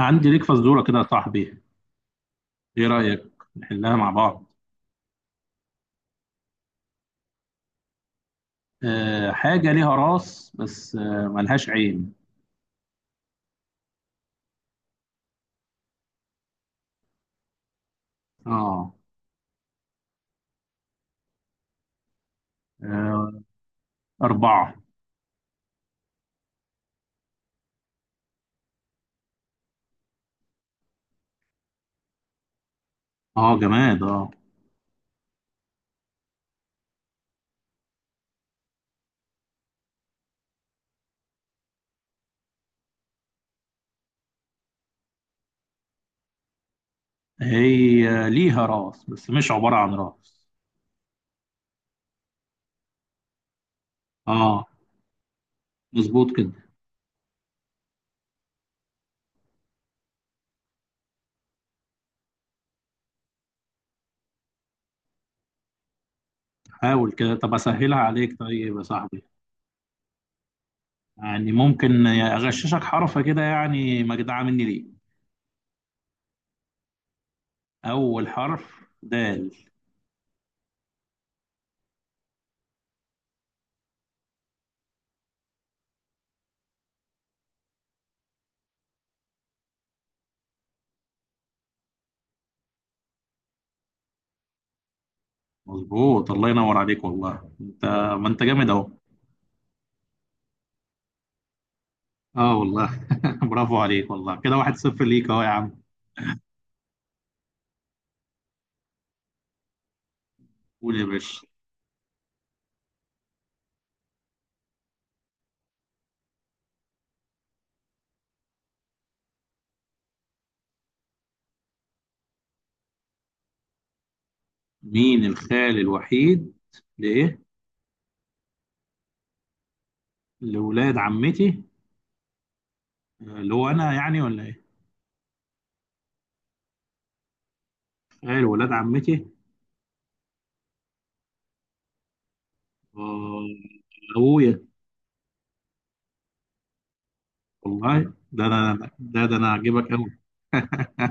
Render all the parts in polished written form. عندي ليك فزورة كده يا صاحبي. ايه رأيك؟ نحلها مع بعض. أه، حاجة ليها راس بس ملهاش عين. اه، آه، أربعة. اه، جماد، اه. هي ليها راس بس مش عبارة عن راس. اه، مظبوط كده. حاول كده، طب أسهلها عليك طيب يا صاحبي. يعني ممكن أغششك حرف كده، يعني مجدعة مني ليه. أول حرف دال. مظبوط، الله ينور عليك والله انت. ما انت جامد اهو. اه والله برافو عليك والله، كده 1-0 ليك اهو يا عم. قول يا باشا. مين الخال الوحيد؟ لايه؟ لولاد عمتي؟ آه، اللي هو انا يعني ولا ايه؟ خال ولاد عمتي؟ آه، ابويا. والله ده انا، ده انا هجيبك قوي.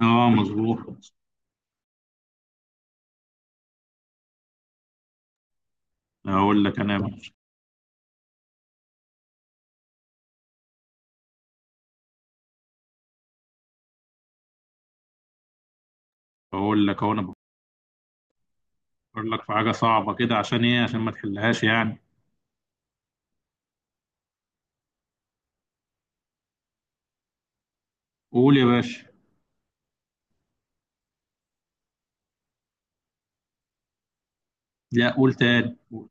اه، مظبوط. اقول لك انا يا باشا. اقول لك اهو، انا بفكر لك في حاجه صعبه كده، عشان ايه؟ عشان ما تحلهاش يعني. قول يا باشا. لا، قول تاني، قول.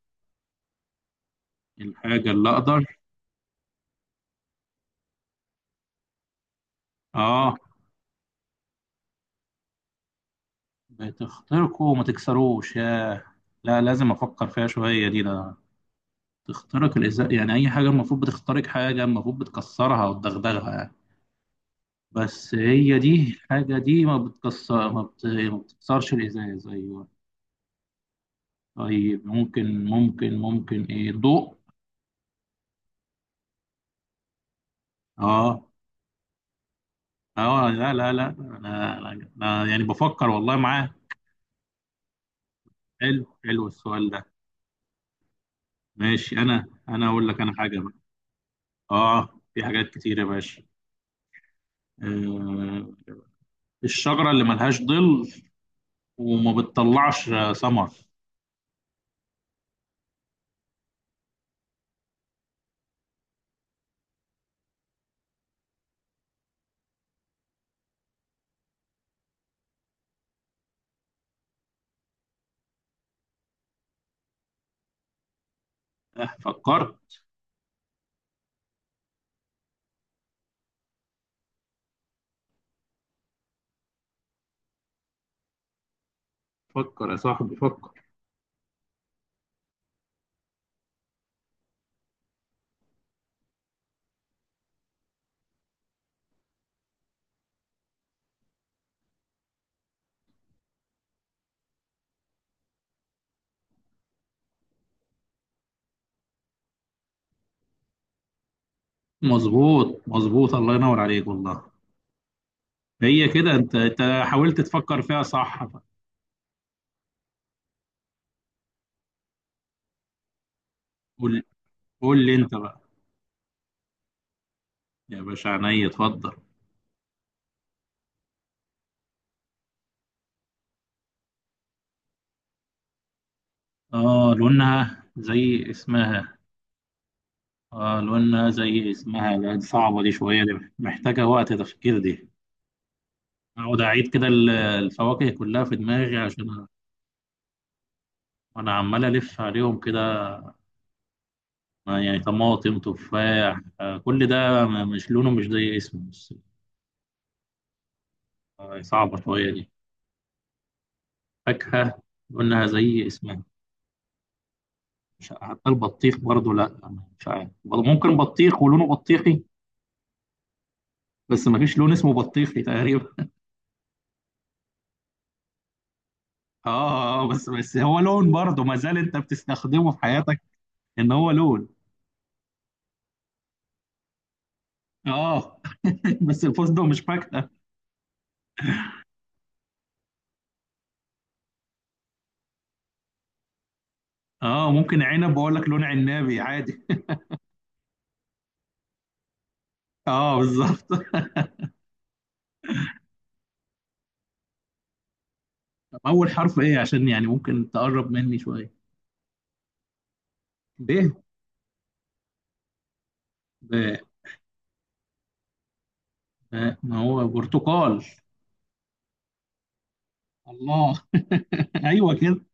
الحاجه اللي اقدر. اه، بتخترقه وما تكسروش، ياه. لا، لازم افكر فيها شويه دي ده. تخترق الازاء، يعني اي حاجه المفروض بتخترق حاجه المفروض بتكسرها وتدغدغها يعني. بس هي دي، الحاجه دي ما بتكسر، ما بتكسرش الازاز، ايوه. طيب ممكن ايه، ضوء. اه. اه، لا لا لا، أنا يعني بفكر والله معاه. حلو حلو السؤال ده. ماشي، انا اقول لك انا حاجه بقى. اه، في حاجات كتير يا باشا. آه، الشجرة اللي ملهاش ظل وما بتطلعش ثمر. أه، فكرت. فكر يا صاحبي، فكر. مظبوط مظبوط، الله ينور عليك والله. هي كده انت حاولت تفكر فيها صح بقى. قول، قول لي انت بقى. يا باشا عينيا، اتفضل. اه، لونها زي اسمها. اه، لونها زي اسمها، لا دي صعبة دي شوية، دي محتاجة وقت تفكير دي. اقعد اعيد كده الفواكه كلها في دماغي عشان. انا عمال الف عليهم كده. آه، يعني طماطم تفاح، كل ده. مش لونه مش زي اسمه بس. آه، صعبة شوية دي. فاكهة قلناها زي اسمها. مش حتى البطيخ برضو، لا. مش عارف برضو، ممكن بطيخ ولونه بطيخي. بس ما فيش لون اسمه بطيخي تقريبا. اه، آه، بس هو لون برضو ما زال انت بتستخدمه في حياتك. ان هو لون. اه. بس الفستق مش فاكهة. اه، ممكن عنب واقول لك لون عنابي عادي. اه بالظبط. طب اول حرف ايه؟ عشان يعني ممكن تقرب مني شوية. ب. ب- ما هو برتقال. الله. ايوه كده.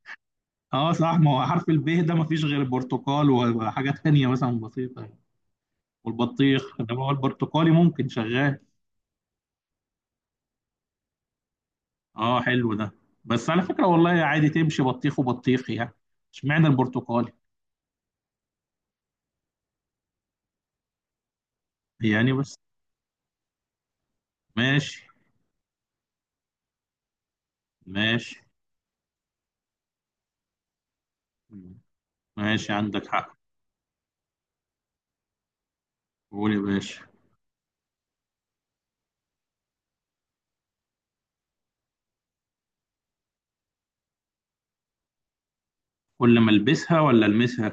اه صح، ما هو حرف الب ده ما فيش غير البرتقال وحاجة تانية مثلا بسيطة. والبطيخ انما هو البرتقالي ممكن شغال. اه، حلو ده. بس على فكرة والله عادي تمشي بطيخ وبطيخ يعني. اشمعنى البرتقالي؟ يعني بس. ماشي ماشي ماشي، عندك حق. قول يا باشا. كل ما البسها ولا المسها؟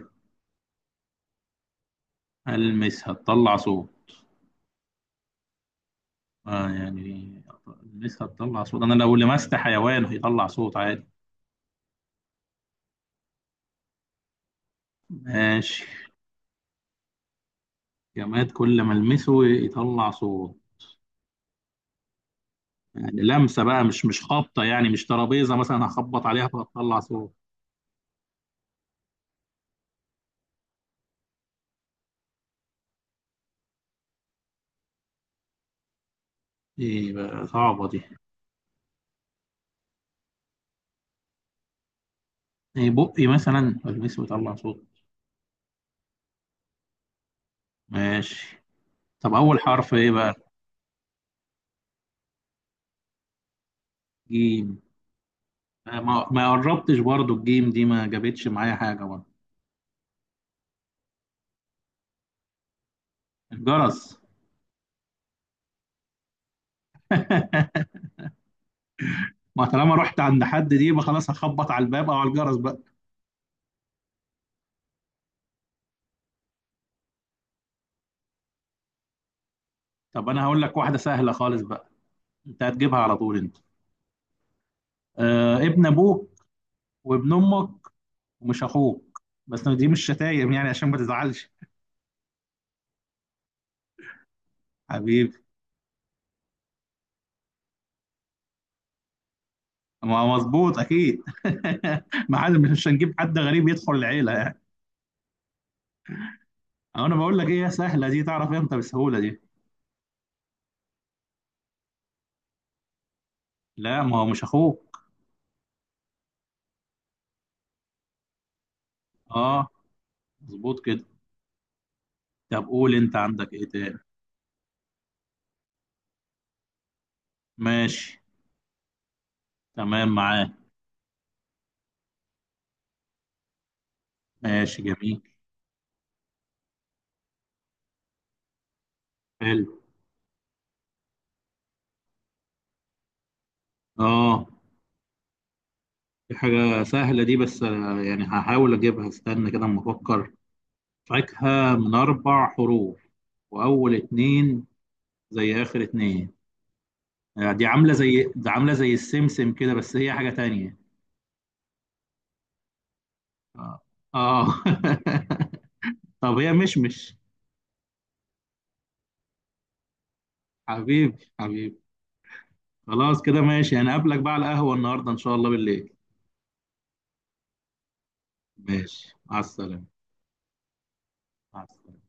المسها تطلع صوت. اه يعني، لسه هتطلع صوت؟ انا لو لمست حيوان هيطلع صوت عادي. ماشي. جماد كل ما المسه يطلع صوت. يعني لمسه بقى، مش خبطه يعني، مش ترابيزه مثلا هخبط عليها فتطلع صوت. ايه بقى صعبه دي. ايه بقي مثلا المسه يطلع صوت؟ ماشي. طب اول حرف ايه بقى؟ جيم. آه، ما قربتش برضو، الجيم دي ما جابتش معايا حاجه برضو. الجرس. ما طالما رحت عند حد دي يبقى خلاص هخبط على الباب او على الجرس بقى. طب انا هقول لك واحده سهله خالص بقى. انت هتجيبها على طول انت. آه، ابن ابوك، وابن امك، ومش اخوك. بس دي مش شتايم يعني عشان ما تزعلش. حبيبي. ما هو مظبوط اكيد. ما حد مش هنجيب حد غريب يدخل العيله يعني. أو انا بقول لك ايه سهله دي، تعرف امتى بسهوله دي. لا، ما هو مش اخوك. اه، مظبوط كده. طب قول انت، عندك ايه تاني؟ ماشي. تمام معاه. ماشي جميل. حلو. اه، دي حاجه سهله دي، بس آه، يعني هحاول اجيبها، استنى كده اما افكر. فاكهة من أربع حروف، وأول اتنين زي آخر اتنين. آه، دي عاملة زي السمسم كده بس هي حاجة تانية. آه، آه. طب هي مشمش. حبيبي حبيبي. خلاص كده ماشي، هنقابلك بقى على القهوة النهاردة إن شاء الله بالليل. ماشي، مع السلامة. مع السلامة.